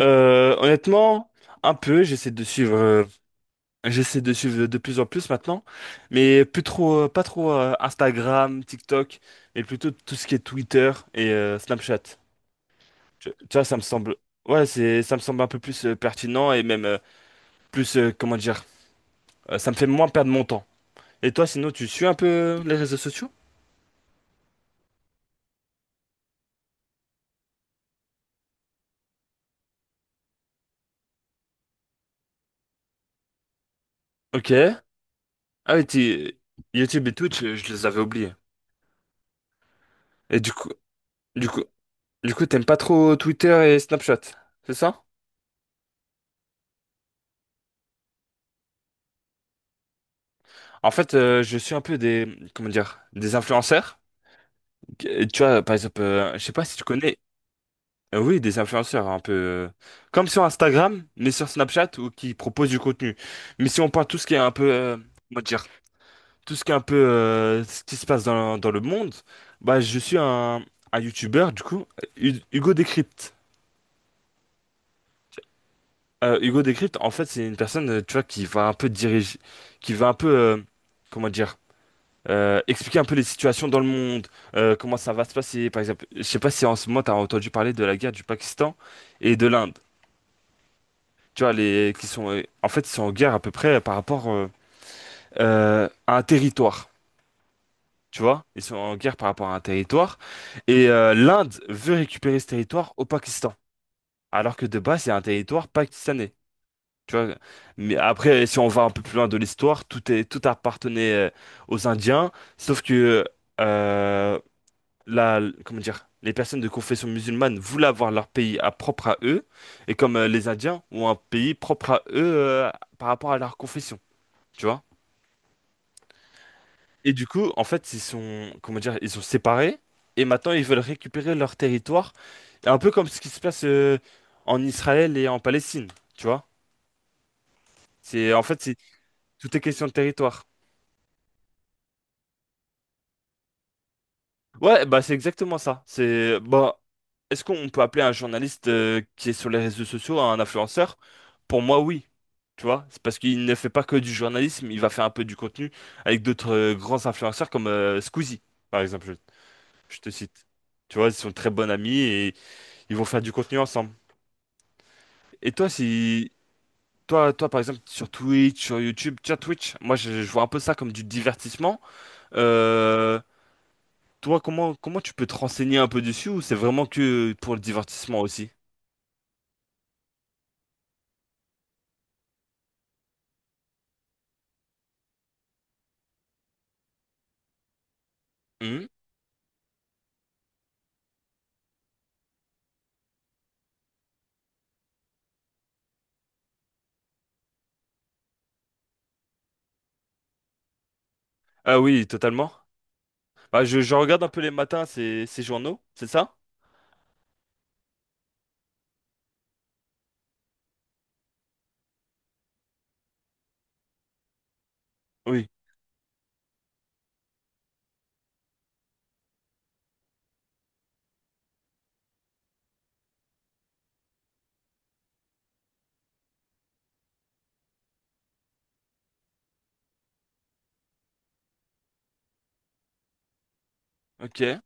Honnêtement, un peu, j'essaie de suivre de plus en plus maintenant, mais plus trop, pas trop Instagram, TikTok, mais plutôt tout ce qui est Twitter et Snapchat. Tu vois, ça me semble, ouais, ça me semble un peu plus pertinent et même plus, comment dire, ça me fait moins perdre mon temps. Et toi, sinon, tu suis un peu les réseaux sociaux? Ok. Ah oui, t'es- YouTube et Twitch, je les avais oubliés. Et du coup, du coup, du coup, t'aimes pas trop Twitter et Snapchat, c'est ça? En fait, je suis un peu des, comment dire, des influenceurs. Tu vois, par exemple, je sais pas si tu connais, oui, des influenceurs un peu, comme sur Instagram, mais sur Snapchat ou qui proposent du contenu. Mais si on parle tout ce qui est un peu, comment dire, tout ce qui est un peu, ce qui se passe dans le monde, bah, je suis un YouTuber du coup. Hugo Décrypte. Hugo Décrypte, en fait, c'est une personne, tu vois, qui va un peu diriger, qui va un peu, comment dire. Expliquer un peu les situations dans le monde, comment ça va se passer, par exemple. Je sais pas si en ce moment t'as entendu parler de la guerre du Pakistan et de l'Inde. Tu vois, les qui sont en fait ils sont en guerre à peu près par rapport à un territoire. Tu vois, ils sont en guerre par rapport à un territoire et l'Inde veut récupérer ce territoire au Pakistan, alors que de base c'est un territoire pakistanais. Tu vois, mais après si on va un peu plus loin de l'histoire, tout est tout appartenait aux Indiens, sauf que euh, la, comment dire, les personnes de confession musulmane voulaient avoir leur pays propre à eux, et comme les Indiens ont un pays propre à eux par rapport à leur confession, tu vois. Et du coup, en fait, ils sont, comment dire, ils sont séparés, et maintenant ils veulent récupérer leur territoire, un peu comme ce qui se passe en Israël et en Palestine, tu vois. C'est, en fait, c'est, tout est question de territoire. Ouais, bah c'est exactement ça. C'est bah est-ce qu'on peut appeler un journaliste qui est sur les réseaux sociaux un influenceur? Pour moi, oui. Tu vois, c'est parce qu'il ne fait pas que du journalisme, il va faire un peu du contenu avec d'autres grands influenceurs comme Squeezie, par exemple, je te cite. Tu vois, ils sont très bons amis et ils vont faire du contenu ensemble. Et toi, si toi, toi par exemple sur Twitch, sur YouTube, tiens Twitch, moi je vois un peu ça comme du divertissement. Euh, Toi, comment tu peux te renseigner un peu dessus ou c'est vraiment que pour le divertissement aussi? Hmm. Ah oui, totalement. Bah, je regarde un peu les matins ces, ces journaux, c'est ça? Oui. Ok.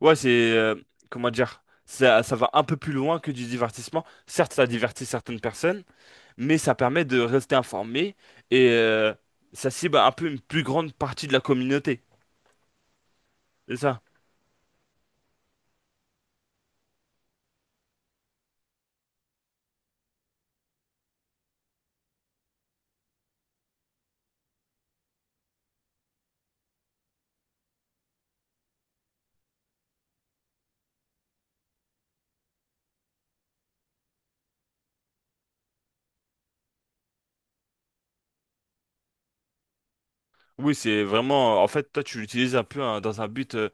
Ouais, comment dire? Ça va un peu plus loin que du divertissement. Certes, ça divertit certaines personnes, mais ça permet de rester informé et ça cible un peu une plus grande partie de la communauté. C'est ça? Oui, c'est vraiment... En fait, toi, tu l'utilises un peu hein, dans un but,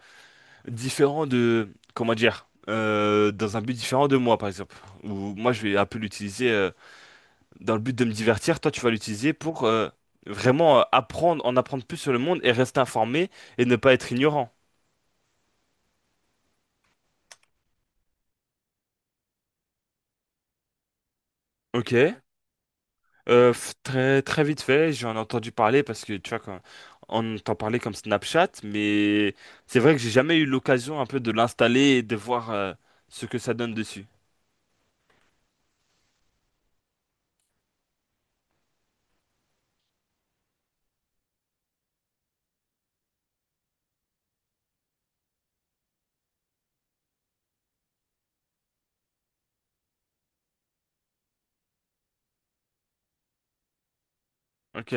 différent de, comment dire, dans un but différent de moi, par exemple. Ou moi, je vais un peu l'utiliser dans le but de me divertir. Toi, tu vas l'utiliser pour vraiment apprendre, en apprendre plus sur le monde et rester informé et ne pas être ignorant. Ok. Très très vite fait, j'en ai entendu parler parce que tu vois quand on t'en parlait comme Snapchat, mais c'est vrai que j'ai jamais eu l'occasion un peu de l'installer et de voir ce que ça donne dessus. Ok.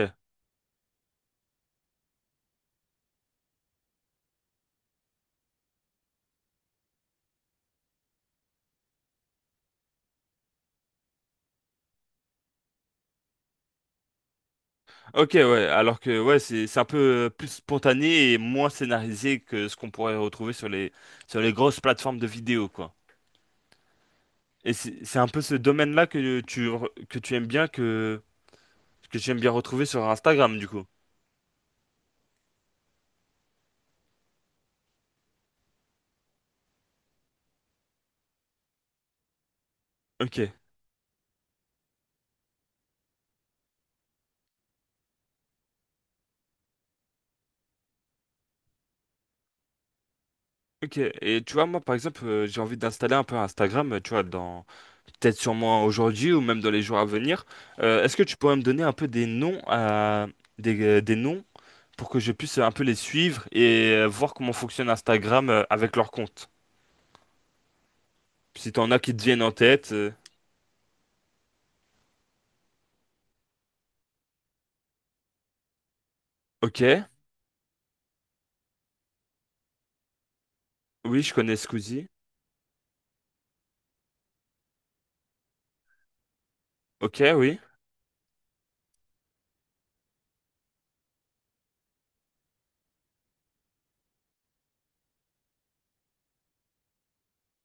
Ok, ouais, alors que ouais, c'est un peu plus spontané et moins scénarisé que ce qu'on pourrait retrouver sur les grosses plateformes de vidéo, quoi. Et c'est un peu ce domaine-là que que tu aimes bien que j'aime bien retrouver sur Instagram, du coup. Ok, ok. Et tu vois, moi, par exemple, j'ai envie d'installer un peu Instagram, tu vois, dans peut-être sûrement aujourd'hui ou même dans les jours à venir. Est-ce que tu pourrais me donner un peu des noms à des noms pour que je puisse un peu les suivre et voir comment fonctionne Instagram avec leur compte? Puis si t'en as qui te viennent en tête, ok, oui, je connais Squeezie. Ok, oui.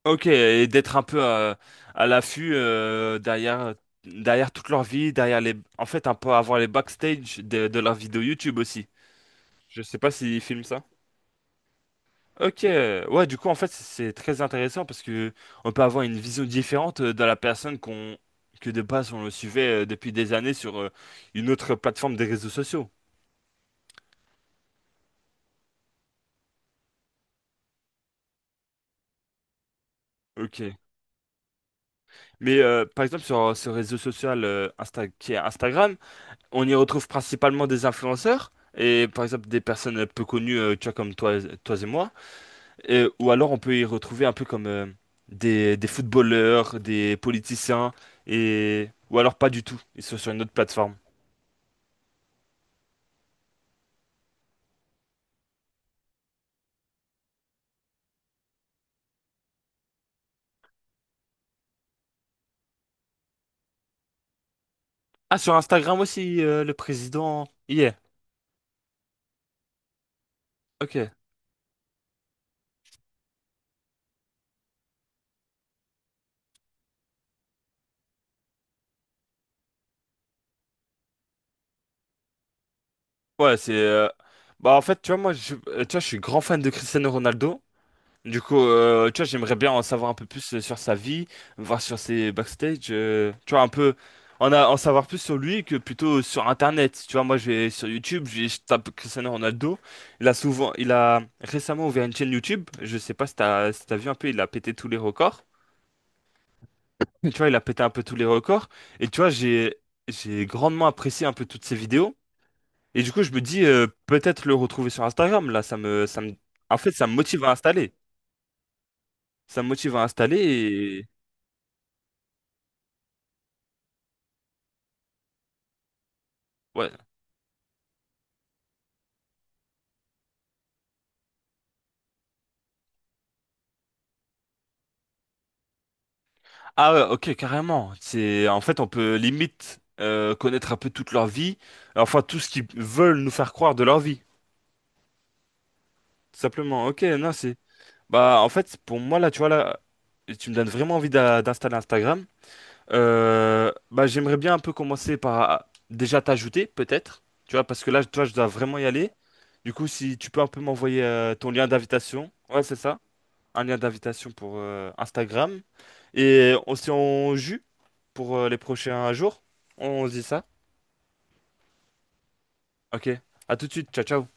Ok, et d'être un peu à l'affût derrière, derrière toute leur vie, derrière les... En fait, un peu avoir les backstage de leurs vidéos YouTube aussi. Je sais pas s'ils filment ça. Ok, ouais, du coup, en fait, c'est très intéressant parce que on peut avoir une vision différente de la personne qu'on que de base on le suivait depuis des années sur une autre plateforme des réseaux sociaux. Ok. Mais par exemple, sur ce réseau social qui est Instagram, on y retrouve principalement des influenceurs et par exemple des personnes peu connues, tu vois, comme toi, toi et moi. Ou alors on peut y retrouver un peu comme des footballeurs, des politiciens, et ou alors pas du tout. Ils sont sur une autre plateforme. Ah, sur Instagram aussi, le président y est. Ok. Ouais, c'est. Bah en fait, tu vois, moi, tu vois, je suis grand fan de Cristiano Ronaldo. Du coup, tu vois, j'aimerais bien en savoir un peu plus sur sa vie, voir sur ses backstage, tu vois, un peu en savoir plus sur lui que plutôt sur Internet. Tu vois, moi, je vais sur YouTube, je tape Cristiano Ronaldo. Il a souvent, il a récemment ouvert une chaîne YouTube. Je sais pas si t'as, si t'as vu un peu, il a pété tous les records. Tu vois, il a pété un peu tous les records. Et tu vois, j'ai grandement apprécié un peu toutes ses vidéos. Et du coup, je me dis, peut-être le retrouver sur Instagram. Là, ça me, en fait, ça me motive à installer. Ça me motive à installer. Ouais. Ah ouais, ok, carrément. C'est en fait on peut limite connaître un peu toute leur vie, enfin tout ce qu'ils veulent nous faire croire de leur vie, tout simplement. Ok, non c'est. Bah en fait pour moi là, tu vois là, tu me donnes vraiment envie d'installer Instagram. Bah j'aimerais bien un peu commencer par ah, déjà t'ajouter peut-être, tu vois parce que là toi je dois vraiment y aller. Du coup si tu peux un peu m'envoyer ton lien d'invitation, ouais c'est ça. Un lien d'invitation pour Instagram. Et on s'y en jus pour les prochains jours. On se dit ça. Ok. À tout de suite. Ciao, ciao.